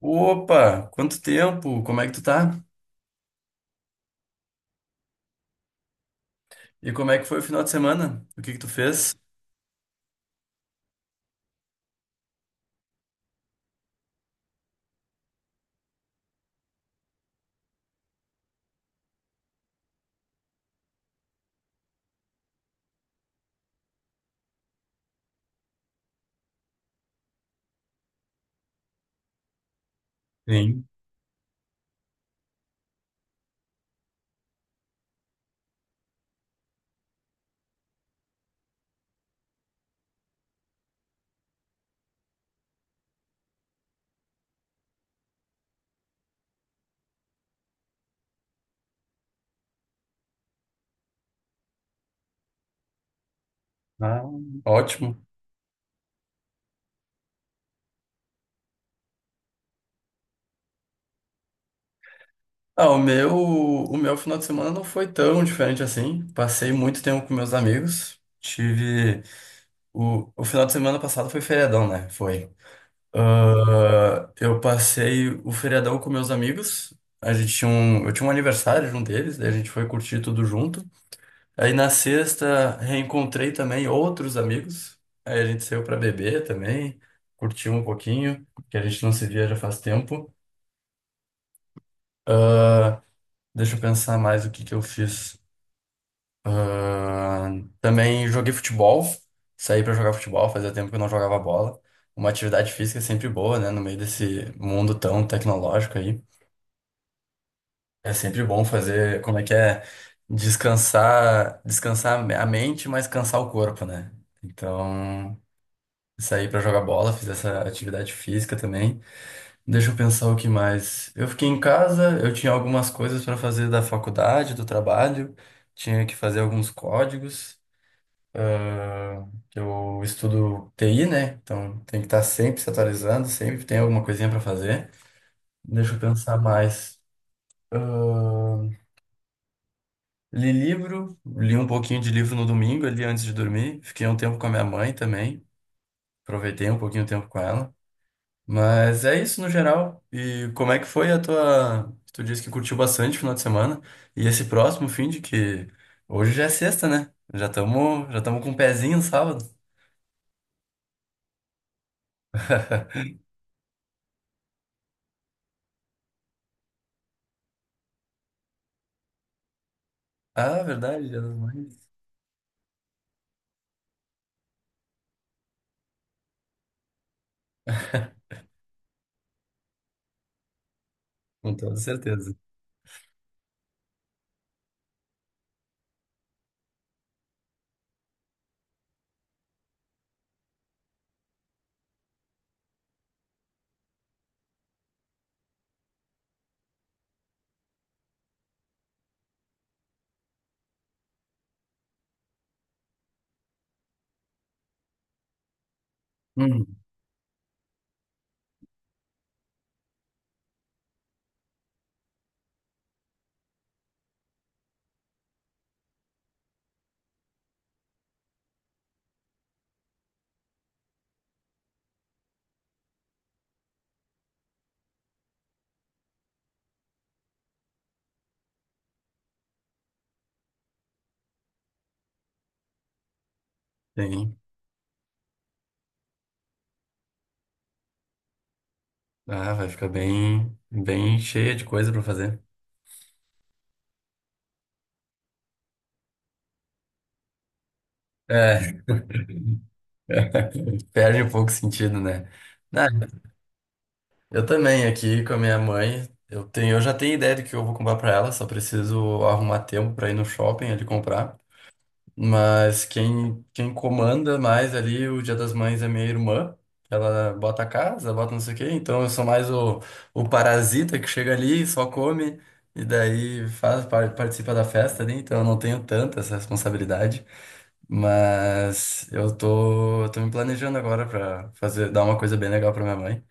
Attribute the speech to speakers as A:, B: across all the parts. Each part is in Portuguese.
A: Opa, quanto tempo? Como é que tu tá? E como é que foi o final de semana? O que que tu fez? Sim. Ah, ótimo. Ah, o meu final de semana não foi tão diferente assim. Passei muito tempo com meus amigos. Tive o final de semana passado foi feriadão, né? Foi. Ah, eu passei o feriadão com meus amigos. A gente tinha um, eu tinha um aniversário de um deles, daí a gente foi curtir tudo junto. Aí na sexta reencontrei também outros amigos. Aí a gente saiu para beber também, curtiu um pouquinho, que a gente não se via já faz tempo. Ah, deixa eu pensar mais o que que eu fiz. Ah, também joguei futebol, saí para jogar futebol, fazia tempo que eu não jogava bola. Uma atividade física é sempre boa, né? No meio desse mundo tão tecnológico aí. É sempre bom fazer, como é que é? Descansar, descansar a mente, mas cansar o corpo, né? Então, saí pra jogar bola, fiz essa atividade física também. Deixa eu pensar o que mais. Eu fiquei em casa, eu tinha algumas coisas pra fazer da faculdade, do trabalho, tinha que fazer alguns códigos. ah, eu estudo TI, né? Então tem que estar sempre se atualizando, sempre tem alguma coisinha pra fazer. Deixa eu pensar mais. Ah, li livro, li um pouquinho de livro no domingo ali antes de dormir. Fiquei um tempo com a minha mãe também, aproveitei um pouquinho o tempo com ela. Mas é isso no geral. E como é que foi a tua? Tu disse que curtiu bastante o final de semana. E esse próximo fim de que. Hoje já é sexta, né? Já estamos, já tamo com o pezinho no sábado. Ah, verdade, Dia das Mães. Com toda certeza. Hum. Sim. Ah, vai ficar bem, bem cheia de coisa pra fazer. É, perde um pouco o sentido, né? Ah, eu também aqui com a minha mãe. Eu já tenho ideia do que eu vou comprar pra ela, só preciso arrumar tempo pra ir no shopping ali comprar. Mas quem comanda mais ali o Dia das Mães é minha irmã. Ela bota a casa, bota não sei o quê. Então eu sou mais o parasita que chega ali, só come e daí faz, participa da festa ali. Então eu não tenho tanta essa responsabilidade. Mas eu tô me planejando agora pra fazer, dar uma coisa bem legal pra minha mãe.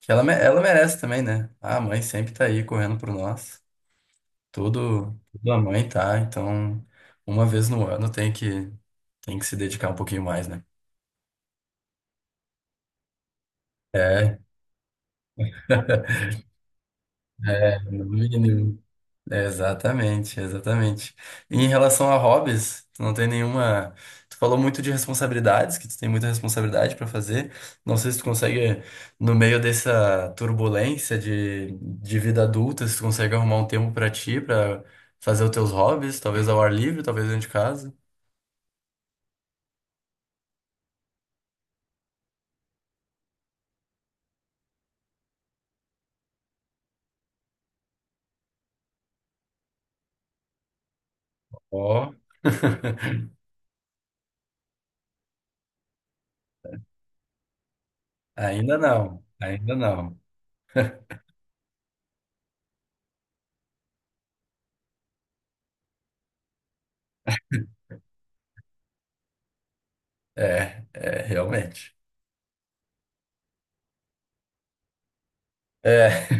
A: Que ela merece também, né? Ah, a mãe sempre tá aí correndo por nós. Tudo, tudo a mãe tá. Então uma vez no ano tem que. Tem que se dedicar um pouquinho mais, né? É, é, no mínimo. É, exatamente, exatamente. E em relação a hobbies, tu não tem nenhuma? Tu falou muito de responsabilidades, que tu tem muita responsabilidade para fazer. Não sei se tu consegue, no meio dessa turbulência de vida adulta, se tu consegue arrumar um tempo para ti, para fazer os teus hobbies, talvez ao ar livre, talvez dentro de casa. Ó. Ainda não, ainda não. É, é, realmente. É.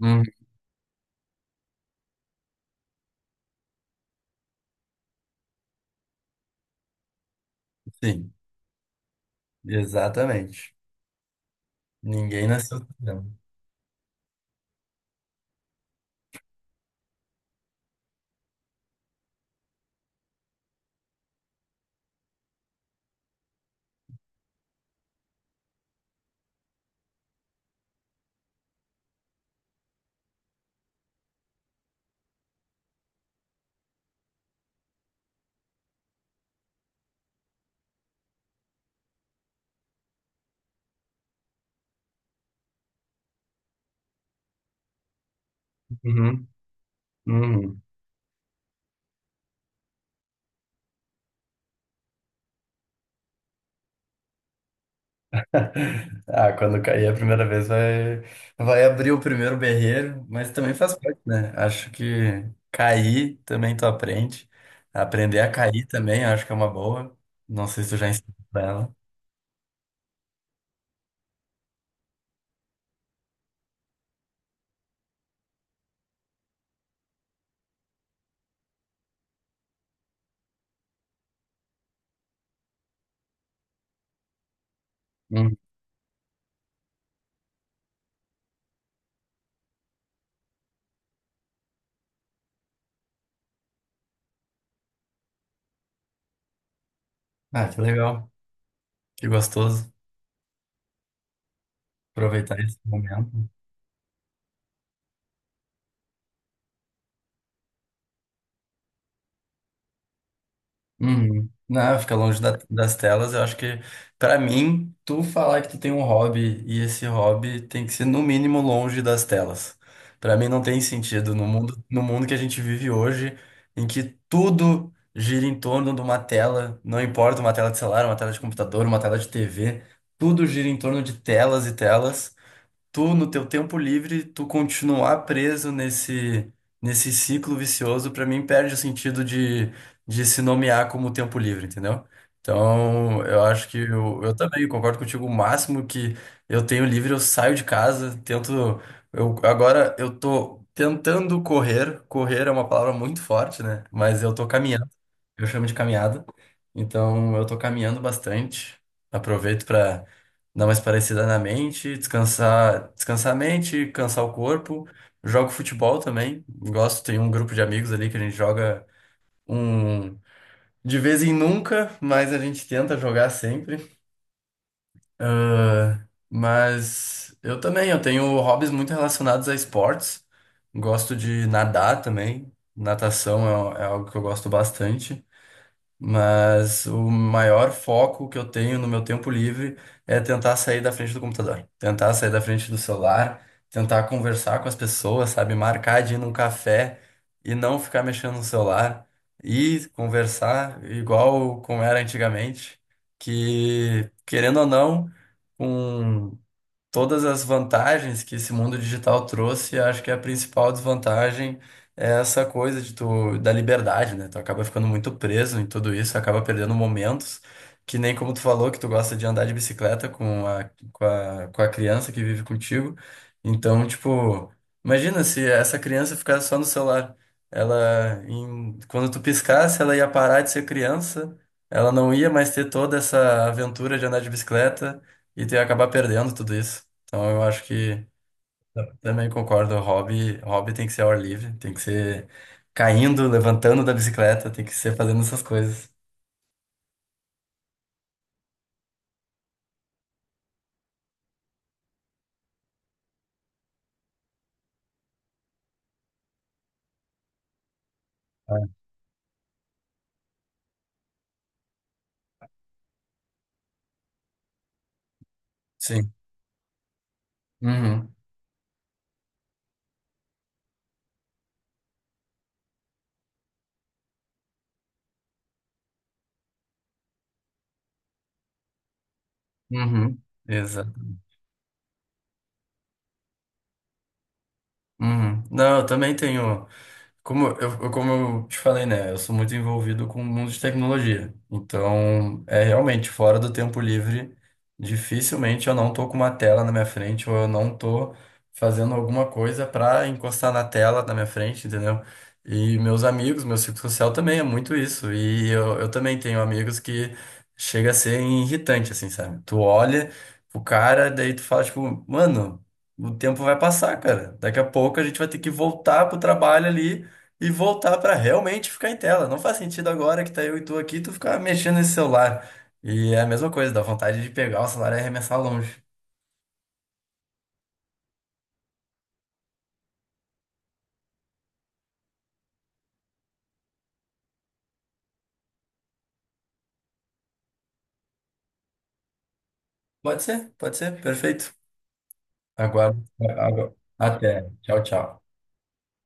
A: Sim, exatamente. Ninguém nasceu sabendo. Uhum, uhum. Quando cair a primeira vez vai, vai abrir o primeiro berreiro, mas também faz parte, né? Acho que cair também tu aprende. Aprender a cair também, acho que é uma boa. Não sei se tu já ensinou pra ela. Uhum. Ah, que legal, que gostoso aproveitar esse momento. Uhum. Não, fica longe das telas. Eu acho que, pra mim, tu falar que tu tem um hobby, e esse hobby tem que ser no mínimo longe das telas. Pra mim não tem sentido no mundo, no mundo que a gente vive hoje, em que tudo gira em torno de uma tela, não importa uma tela de celular, uma tela de computador, uma tela de TV, tudo gira em torno de telas e telas. Tu, no teu tempo livre, tu continuar preso nesse ciclo vicioso, pra mim perde o sentido de se nomear como tempo livre, entendeu? Então, eu acho que eu também concordo contigo. O máximo que eu tenho livre, eu saio de casa, tento. Agora eu tô tentando correr. Correr é uma palavra muito forte, né? Mas eu tô caminhando. Eu chamo de caminhada. Então, eu tô caminhando bastante. Aproveito para dar uma esparecida na mente, descansar, descansar a mente, cansar o corpo. Jogo futebol também, gosto, tem um grupo de amigos ali que a gente joga um de vez em nunca, mas a gente tenta jogar sempre. Ah, mas eu tenho hobbies muito relacionados a esportes. Gosto de nadar também. Natação é algo que eu gosto bastante. Mas o maior foco que eu tenho no meu tempo livre é tentar sair da frente do computador, tentar sair da frente do celular, tentar conversar com as pessoas, sabe? Marcar de ir num café e não ficar mexendo no celular e conversar igual como era antigamente, que querendo ou não, com todas as vantagens que esse mundo digital trouxe, acho que a principal desvantagem é essa coisa de tu, da liberdade, né? Tu acaba ficando muito preso em tudo isso, acaba perdendo momentos, que nem como tu falou, que tu gosta de andar de bicicleta com a criança que vive contigo. Então, tipo, imagina se essa criança ficasse só no celular. Ela, quando tu piscasse, ela ia parar de ser criança, ela não ia mais ter toda essa aventura de andar de bicicleta e tu ia acabar perdendo tudo isso. Então eu acho que também concordo, hobby tem que ser ao ar livre, tem que ser caindo, levantando da bicicleta, tem que ser fazendo essas coisas. É. Sim. Uhum. Uhum. Exato. Uhum. Não, eu também tenho. Como eu, como eu te falei, né? Eu sou muito envolvido com o mundo de tecnologia. Então, é realmente fora do tempo livre, dificilmente eu não tô com uma tela na minha frente ou eu não tô fazendo alguma coisa pra encostar na tela na minha frente, entendeu? E meus amigos, meu círculo social também é muito isso. E eu também tenho amigos que chega a ser irritante, assim, sabe? Tu olha pro cara, daí tu fala, tipo, mano. O tempo vai passar, cara. Daqui a pouco a gente vai ter que voltar pro trabalho ali e voltar pra realmente ficar em tela. Não faz sentido agora que tá eu e tu aqui, tu ficar mexendo nesse celular. E é a mesma coisa, dá vontade de pegar o celular e arremessar longe. Pode ser, perfeito. Agora, até. Tchau, tchau.